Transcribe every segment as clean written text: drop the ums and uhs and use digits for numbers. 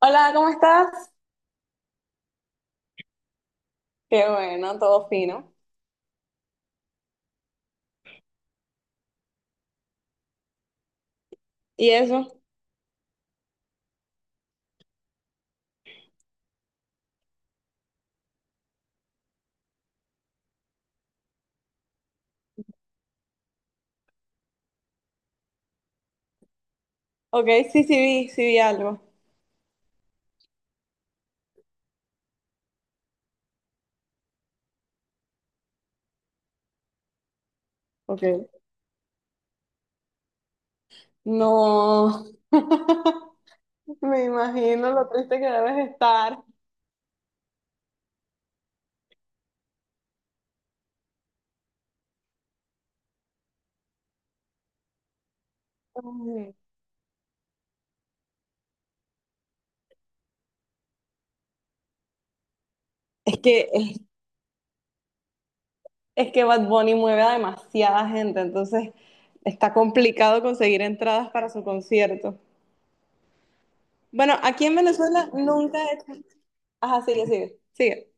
Hola, ¿cómo estás? Qué bueno, todo fino. ¿Y eso? Ok, sí, sí vi algo. Ok. No. Me imagino lo triste que debes estar. Ay. Es que, es, es que Bad Bunny mueve a demasiada gente, entonces está complicado conseguir entradas para su concierto. Bueno, aquí en Venezuela nunca he hecho... Ajá, sigue.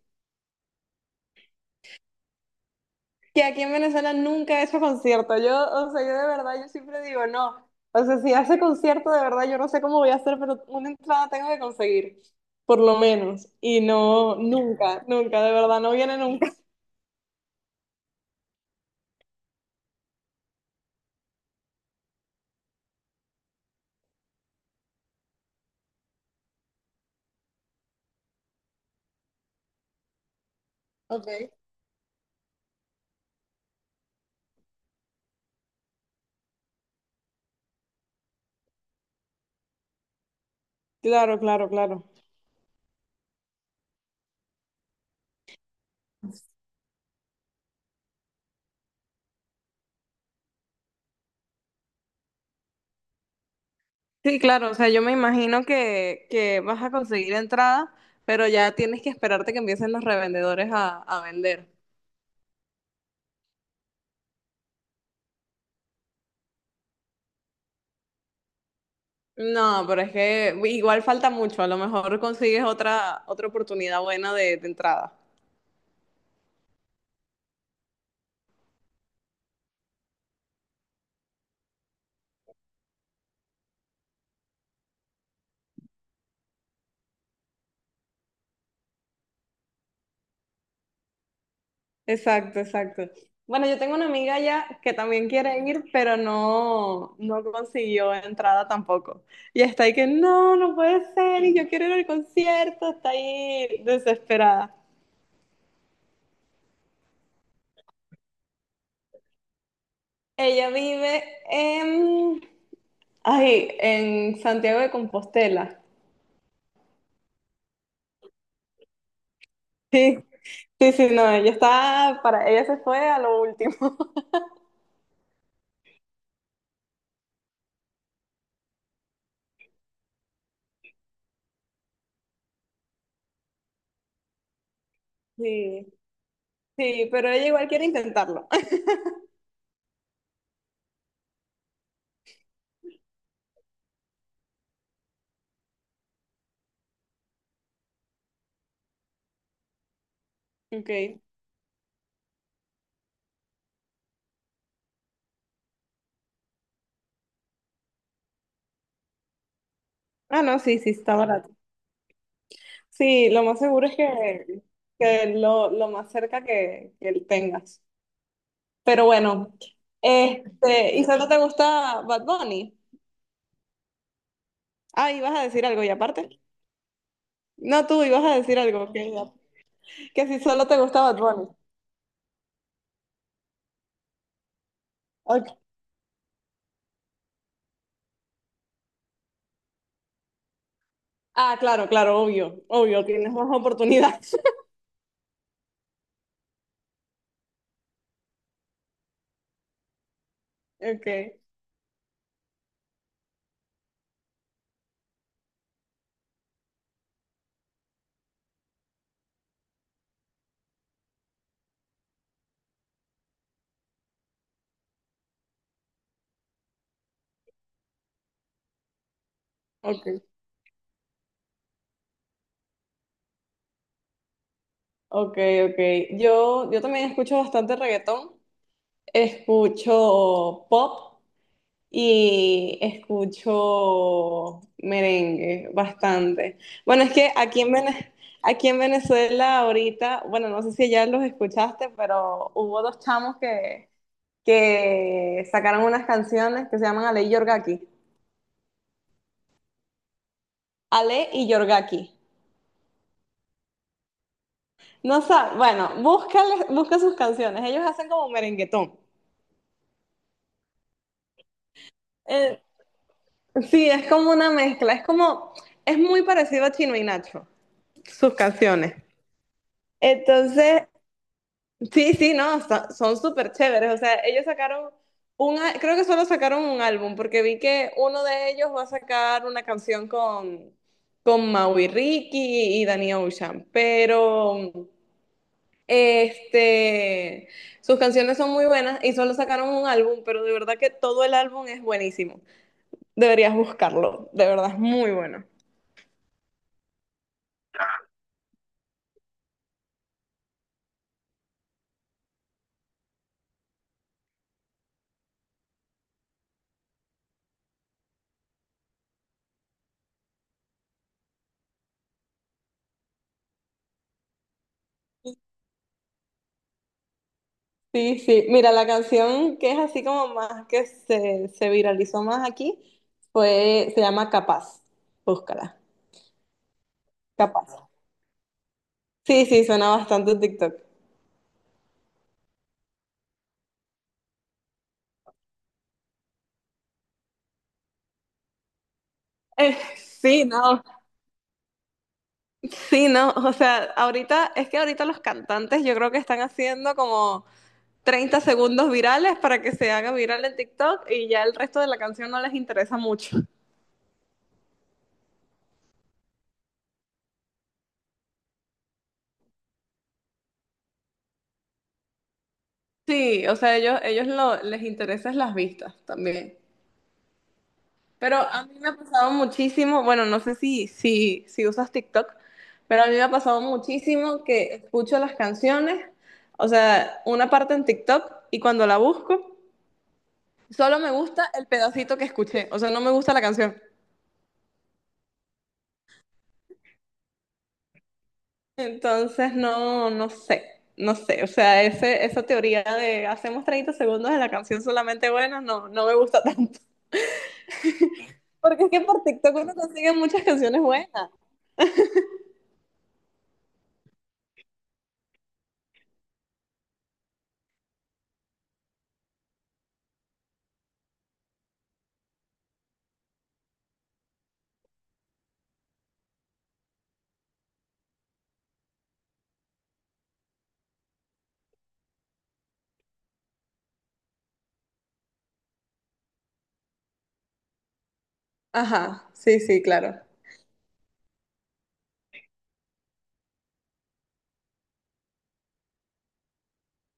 Que aquí en Venezuela nunca he hecho concierto. Yo, o sea, yo de verdad, yo siempre digo, no. O sea, si hace concierto, de verdad, yo no sé cómo voy a hacer, pero una entrada tengo que conseguir, por lo menos. Y no, nunca, de verdad, no viene nunca. Okay. Claro. Sí, claro, o sea, yo me imagino que vas a conseguir entrada, pero ya tienes que esperarte que empiecen los revendedores a vender. No, pero es que igual falta mucho, a lo mejor consigues otra oportunidad buena de entrada. Exacto. Bueno, yo tengo una amiga ya que también quiere ir, pero no, no consiguió entrada tampoco. Y está ahí que no, no puede ser, y yo quiero ir al concierto, está ahí desesperada. Ella vive en, ay, en Santiago de Compostela. Sí, sí, no, ella se fue a lo último. Sí, sí, pero ella igual quiere intentarlo. Ok. Ah, no, sí, sí, está barato. Sí, lo más seguro es que lo más cerca que tengas. Pero bueno, ¿y solo te gusta Bad Bunny? Ah, ibas a decir algo y aparte. No, tú ibas a decir algo, que si solo te gusta Bad Bunny. Ok. Ah, claro, obvio, tienes más oportunidades. Okay, okay, okay. Yo, yo también escucho bastante reggaetón, escucho pop y escucho merengue bastante. Bueno, es que aquí en Vene- aquí en Venezuela ahorita, bueno, no sé si ya los escuchaste, pero hubo dos chamos que sacaron unas canciones que se llaman Ale y Yorgaki. Ale y Yorgaki. No sabes, bueno, busca sus canciones. Ellos hacen como merenguetón. Eh, sí, es como una mezcla. Es muy parecido a Chino y Nacho, sus canciones. Entonces, sí, sí, no, son súper chéveres. O sea, ellos sacaron un, creo que solo sacaron un álbum, porque vi que uno de ellos va a sacar una canción con Maui Ricky y Danny Ocean, pero este, sus canciones son muy buenas y solo sacaron un álbum, pero de verdad que todo el álbum es buenísimo. Deberías buscarlo, de verdad es muy bueno. Sí, sí. Mira, la canción que es así como más que se viralizó más aquí fue, se llama Capaz. Búscala. Capaz. Sí, sí, suena bastante en TikTok. Sí, no. Sí, no. O sea, ahorita, es que ahorita los cantantes yo creo que están haciendo como 30 segundos virales para que se haga viral en TikTok y ya el resto de la canción no les interesa mucho. Sí, o sea, les interesan las vistas también. Pero a mí me ha pasado muchísimo, bueno, no sé si usas TikTok, pero a mí me ha pasado muchísimo que escucho las canciones, o sea, una parte en TikTok y cuando la busco, solo me gusta el pedacito que escuché, o sea, no me gusta la canción. Entonces, no, no sé, o sea, esa teoría de hacemos 30 segundos de la canción solamente buena, no, no me gusta tanto. Porque es que por TikTok uno consigue muchas canciones buenas. Ajá, sí, sí, claro.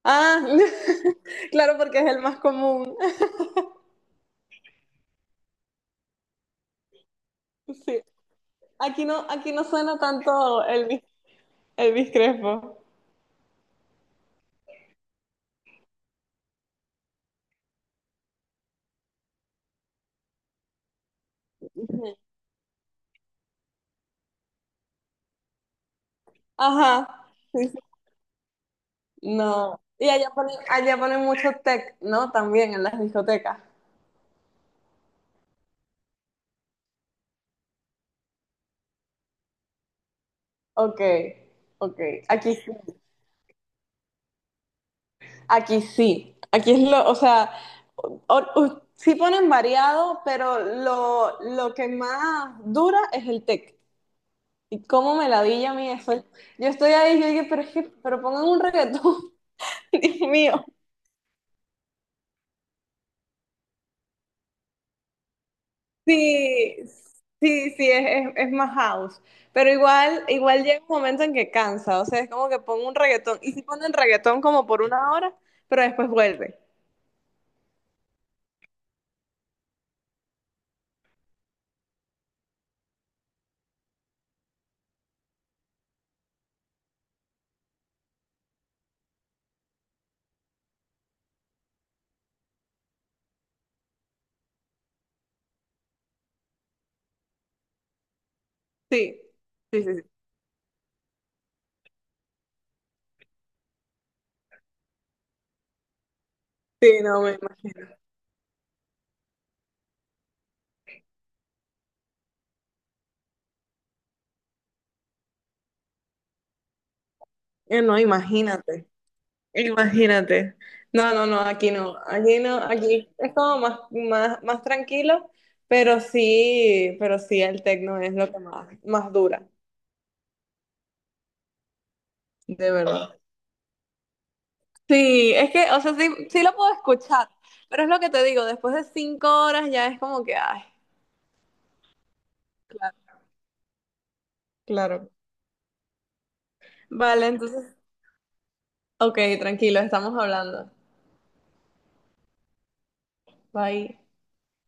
Ah, claro, porque es el más común. Sí. Aquí no suena tanto Elvis, Elvis Crespo. Ajá. Sí, sí. No. Y allá ponen mucho tech, ¿no? También en las discotecas. Ok, ok. Aquí, sí- aquí sí. Aquí es lo, o sea, sí ponen variado, pero lo que más dura es el tech. Y cómo me ladilla a mí eso. Yo estoy ahí, yo dije, pero es que, pero pongan un reggaetón. Dios mío. Sí, sí, es más house. Pero igual llega un momento en que cansa, o sea, es como que pongo un reggaetón. Y si ponen reggaetón como por una hora, pero después vuelve. Sí, sí. Sí, no, me imagino. No, imagínate. Imagínate. No, aquí no. Aquí no, aquí es como más tranquilo, pero sí el tecno es lo que más dura, de verdad. Sí, es que, o sea, sí, sí lo puedo escuchar, pero es lo que te digo, después de 5 horas ya es como que, ay, claro, claro. Vale, entonces, ok, tranquilo, estamos hablando. Bye.